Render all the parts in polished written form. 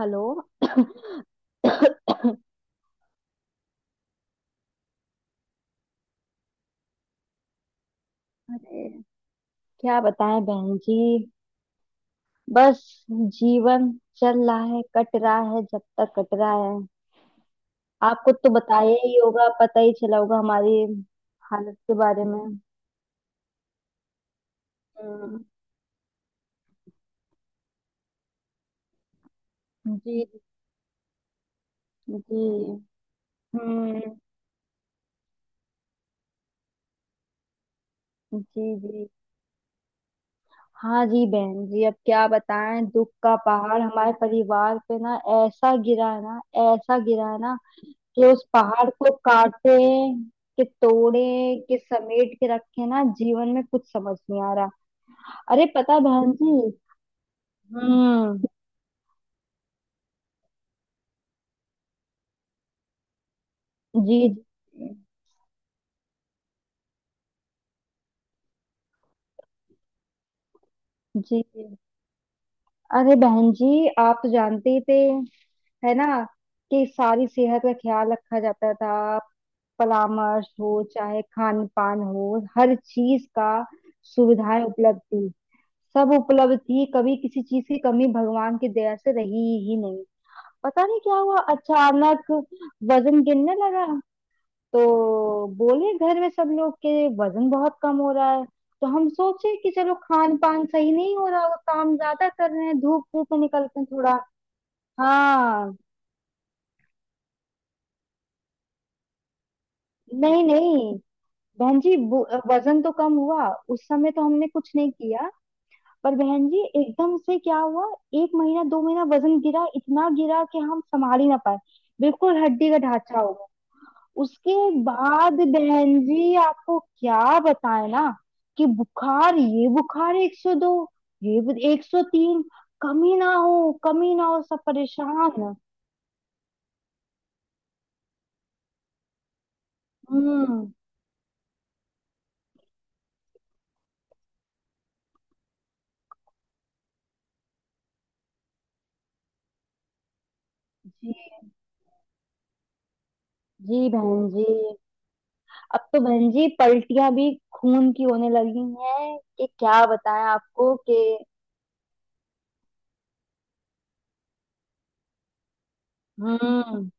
Hello. अरे क्या बताएं बहन जी। बस जीवन चल रहा है कट रहा है जब तक कट रहा है। आपको तो बताया ही होगा पता ही चला होगा हमारी हालत के बारे में। हम्म। जी जी। हम्म। जी जी। हाँ जी बहन जी अब क्या बताएं दुख का पहाड़ हमारे परिवार पे ना ऐसा गिरा है ना ऐसा गिरा है ना कि उस पहाड़ को काटे कि तोड़े कि समेट के रखे ना जीवन में कुछ समझ नहीं आ रहा। अरे पता बहन जी। हम्म। जी जी जी। अरे बहन जी आप तो जानते ही थे है ना कि सारी सेहत का ख्याल रखा जाता था। परामर्श हो चाहे खान पान हो हर चीज का सुविधाएं उपलब्ध थी सब उपलब्ध थी कभी किसी चीज की कमी भगवान की दया से रही ही नहीं। पता नहीं क्या हुआ अचानक वजन गिरने लगा। तो बोले घर में सब लोग के वजन बहुत कम हो रहा है। तो हम सोचे कि चलो खान पान सही नहीं हो रहा वो काम ज्यादा कर रहे हैं धूप धूप में निकलते हैं थोड़ा। हाँ नहीं नहीं बहन जी वजन तो कम हुआ उस समय तो हमने कुछ नहीं किया। पर बहन जी एकदम से क्या हुआ। एक महीना दो महीना वजन गिरा इतना गिरा कि हम संभाल ही ना पाए। बिल्कुल हड्डी का ढांचा हो गया। उसके बाद बहन जी आपको क्या बताएं ना कि बुखार ये बुखार 102 ये 103 कमी ना हो सब परेशान। हम्म। जी जी बहन जी। अब तो बहन जी पलटियां भी खून की होने लगी हैं कि क्या बताएं आपको कि। हम्म।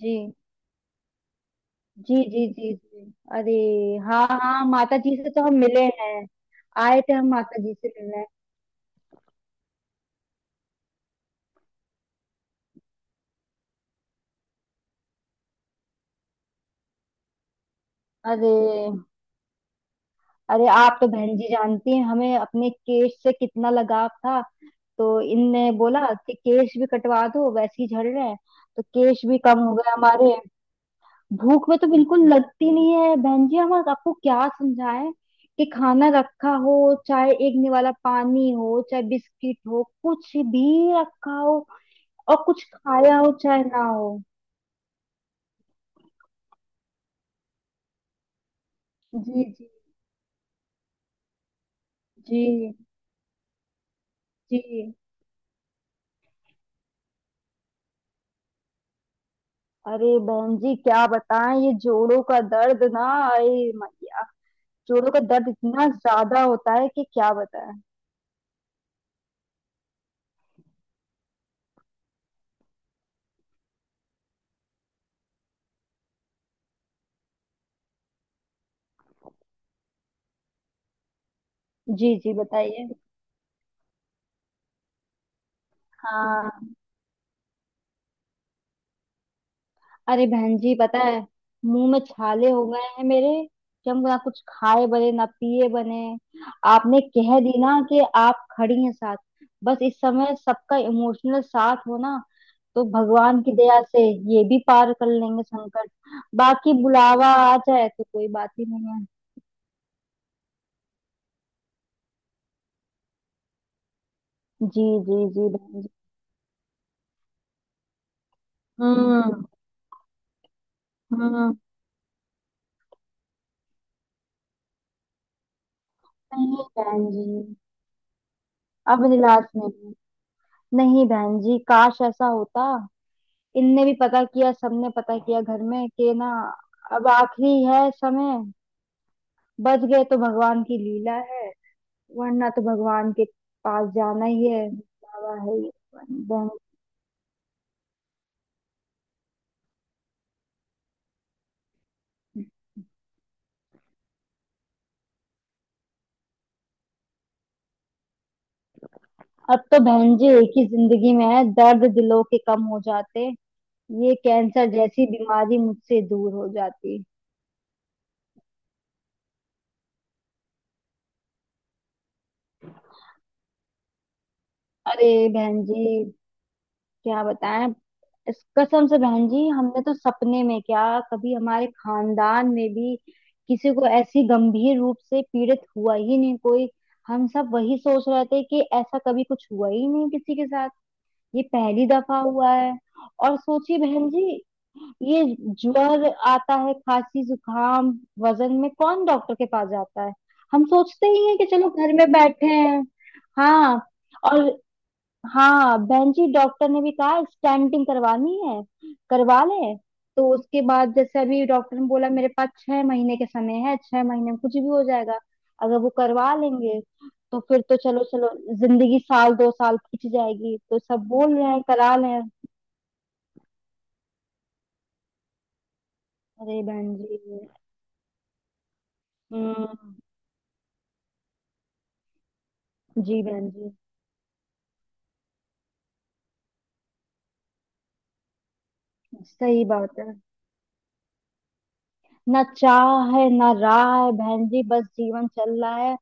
जी जी जी जी जी। अरे हाँ हाँ माता जी से तो हम मिले हैं। आए थे हम माता जी से मिलने। अरे अरे आप तो बहन जी जानती हैं हमें अपने केश से कितना लगाव था। तो इनने बोला कि केश भी कटवा दो वैसे ही झड़ रहे हैं। तो केश भी कम हो गए हमारे। भूख में तो बिल्कुल लगती नहीं है बहन जी हम आपको क्या समझाएं कि खाना रखा हो चाहे एक निवाला पानी हो चाहे बिस्किट हो कुछ भी रखा हो और कुछ खाया हो चाहे ना हो। जी जी जी जी। अरे बहन जी क्या बताएं ये जोड़ों का दर्द ना। अरे जोड़ों का दर्द इतना ज्यादा होता है कि क्या बताएं। जी जी बताइए। हाँ अरे बहन जी पता है मुंह में छाले हो गए हैं मेरे कि हम ना कुछ खाए बने ना पिए बने। आपने कह दी ना कि आप खड़ी हैं साथ। बस इस समय सबका इमोशनल साथ हो ना। तो भगवान की दया से ये भी पार कर लेंगे संकट। बाकी बुलावा आ जाए तो कोई बात ही नहीं है। जी जी जी बहन जी। हम्म हम्म। नहीं बहन जी अब निलाज में भी। नहीं बहन जी काश ऐसा होता। इनने भी पता किया सबने पता किया घर में कि ना। अब आखिरी है समय। बच गए तो भगवान की लीला है। वरना तो भगवान के पास जाना ही है बाबा है ये। बहन। अब तो बहन जी एक ही जिंदगी में है दर्द दिलों के कम हो जाते। ये कैंसर जैसी बीमारी मुझसे दूर हो जाती। अरे बहन जी क्या बताएं इस कसम से बहन जी हमने तो सपने में क्या। कभी हमारे खानदान में भी किसी को ऐसी गंभीर रूप से पीड़ित हुआ ही नहीं कोई। हम सब वही सोच रहे थे कि ऐसा कभी कुछ हुआ ही नहीं किसी के साथ। ये पहली दफा हुआ है। और सोचिए बहन जी ये ज्वर आता है खांसी जुकाम वजन में कौन डॉक्टर के पास जाता है। हम सोचते ही हैं कि चलो घर में बैठे हैं। हाँ और हाँ बहन जी डॉक्टर ने भी कहा स्टेंटिंग करवानी है करवा ले। तो उसके बाद जैसे अभी डॉक्टर ने बोला मेरे पास 6 महीने के समय है 6 महीने में कुछ भी हो जाएगा अगर वो करवा लेंगे। तो फिर तो चलो चलो। जिंदगी साल दो साल खिंच जाएगी तो सब बोल रहे हैं करा लें। अरे बहन जी। हम्म। जी बहन जी सही बात है। ना चाह है ना राह है बहन जी बस जीवन चल रहा है।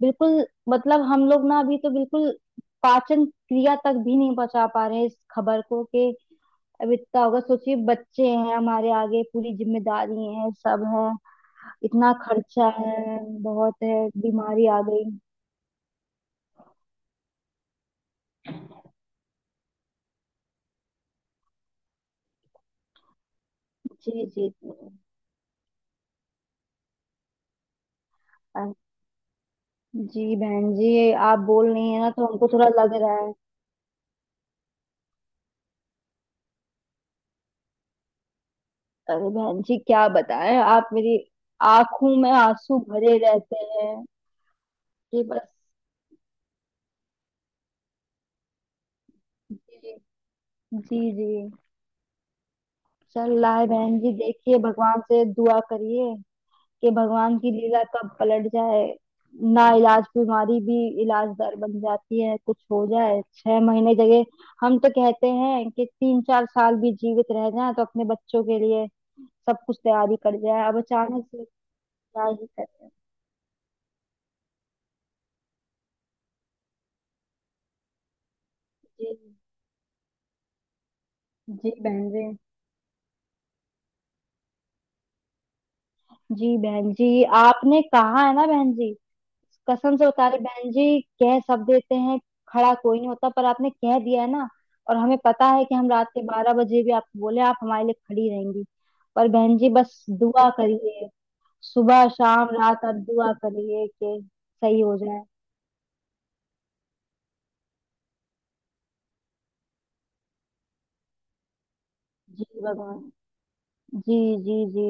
बिल्कुल मतलब हम लोग ना अभी तो बिल्कुल पाचन क्रिया तक भी नहीं बचा पा रहे हैं इस खबर को कि अब इतना होगा सोचिए बच्चे हैं हमारे आगे पूरी जिम्मेदारी है सब है इतना खर्चा है बहुत है बीमारी आ गई। जी जी अ- जी बहन जी ये आप बोल रही है ना तो हमको थोड़ा लग रहा है। अरे बहन जी क्या बताएं आप मेरी आंखों में आंसू भरे रहते हैं कि बस। जी जी जी। चल रहा है बहन जी देखिए भगवान से दुआ करिए कि भगवान की लीला कब पलट जाए। ना इलाज बीमारी भी इलाज दर बन जाती है कुछ हो जाए छह महीने जगह। हम तो कहते हैं कि 3 4 साल भी जीवित रह जाए तो अपने बच्चों के लिए सब कुछ तैयारी कर जाए अब अचानक से। क्या ही करें। जी जी बहन जी। जी बहन जी आपने कहा है ना बहन जी। कसम से बता रही बहन जी कह सब देते हैं खड़ा कोई नहीं होता पर आपने कह दिया है ना। और हमें पता है कि हम रात के 12 बजे भी आपको बोले आप हमारे लिए खड़ी रहेंगी। पर बहन जी बस दुआ करिए। सुबह शाम रात आप दुआ करिए कि सही हो जाए। जी भगवान जी जी जी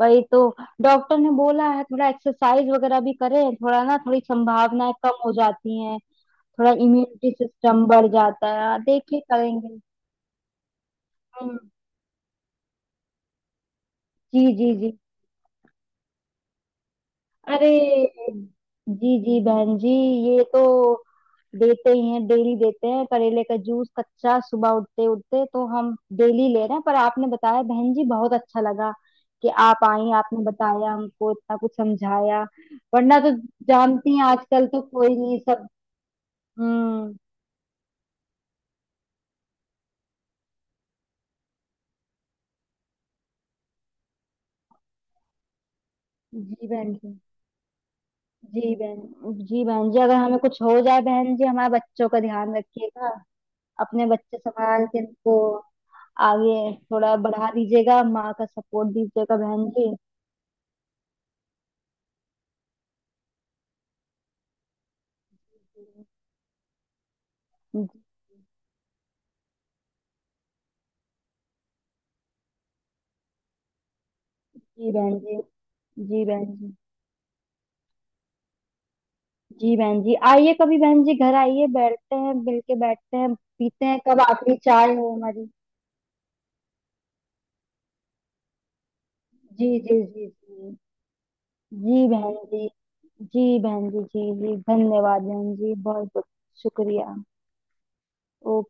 वही तो डॉक्टर ने बोला है थोड़ा एक्सरसाइज वगैरह भी करें थोड़ा ना थोड़ी संभावनाएं कम हो जाती हैं। थोड़ा इम्यूनिटी सिस्टम बढ़ जाता है देखिए करेंगे। हम्म। जी जी जी। अरे जी जी बहन जी ये तो देते ही हैं डेली देते हैं करेले का जूस कच्चा सुबह उठते उठते तो हम डेली ले रहे हैं पर आपने बताया बहन जी बहुत अच्छा लगा कि आप आई आपने बताया हमको इतना कुछ समझाया। वरना तो जानती हैं आजकल तो कोई नहीं सब। हम्म। जी बहन जी जी बहन जी बहन जी अगर हमें कुछ हो जाए बहन जी हमारे बच्चों का ध्यान रखिएगा। अपने बच्चे संभाल के इनको आगे थोड़ा बढ़ा दीजिएगा माँ का सपोर्ट दीजिएगा बहन जी। जी बहन जी जी बहन जी जी बहन जी आइए कभी बहन जी घर आइए बैठते हैं मिल के बैठते हैं पीते हैं कब आखिरी चाय हो हमारी। जी जी जी जी। जी बहन जी जी बहन जी जी जी धन्यवाद बहन जी बहुत बहुत शुक्रिया। ओके।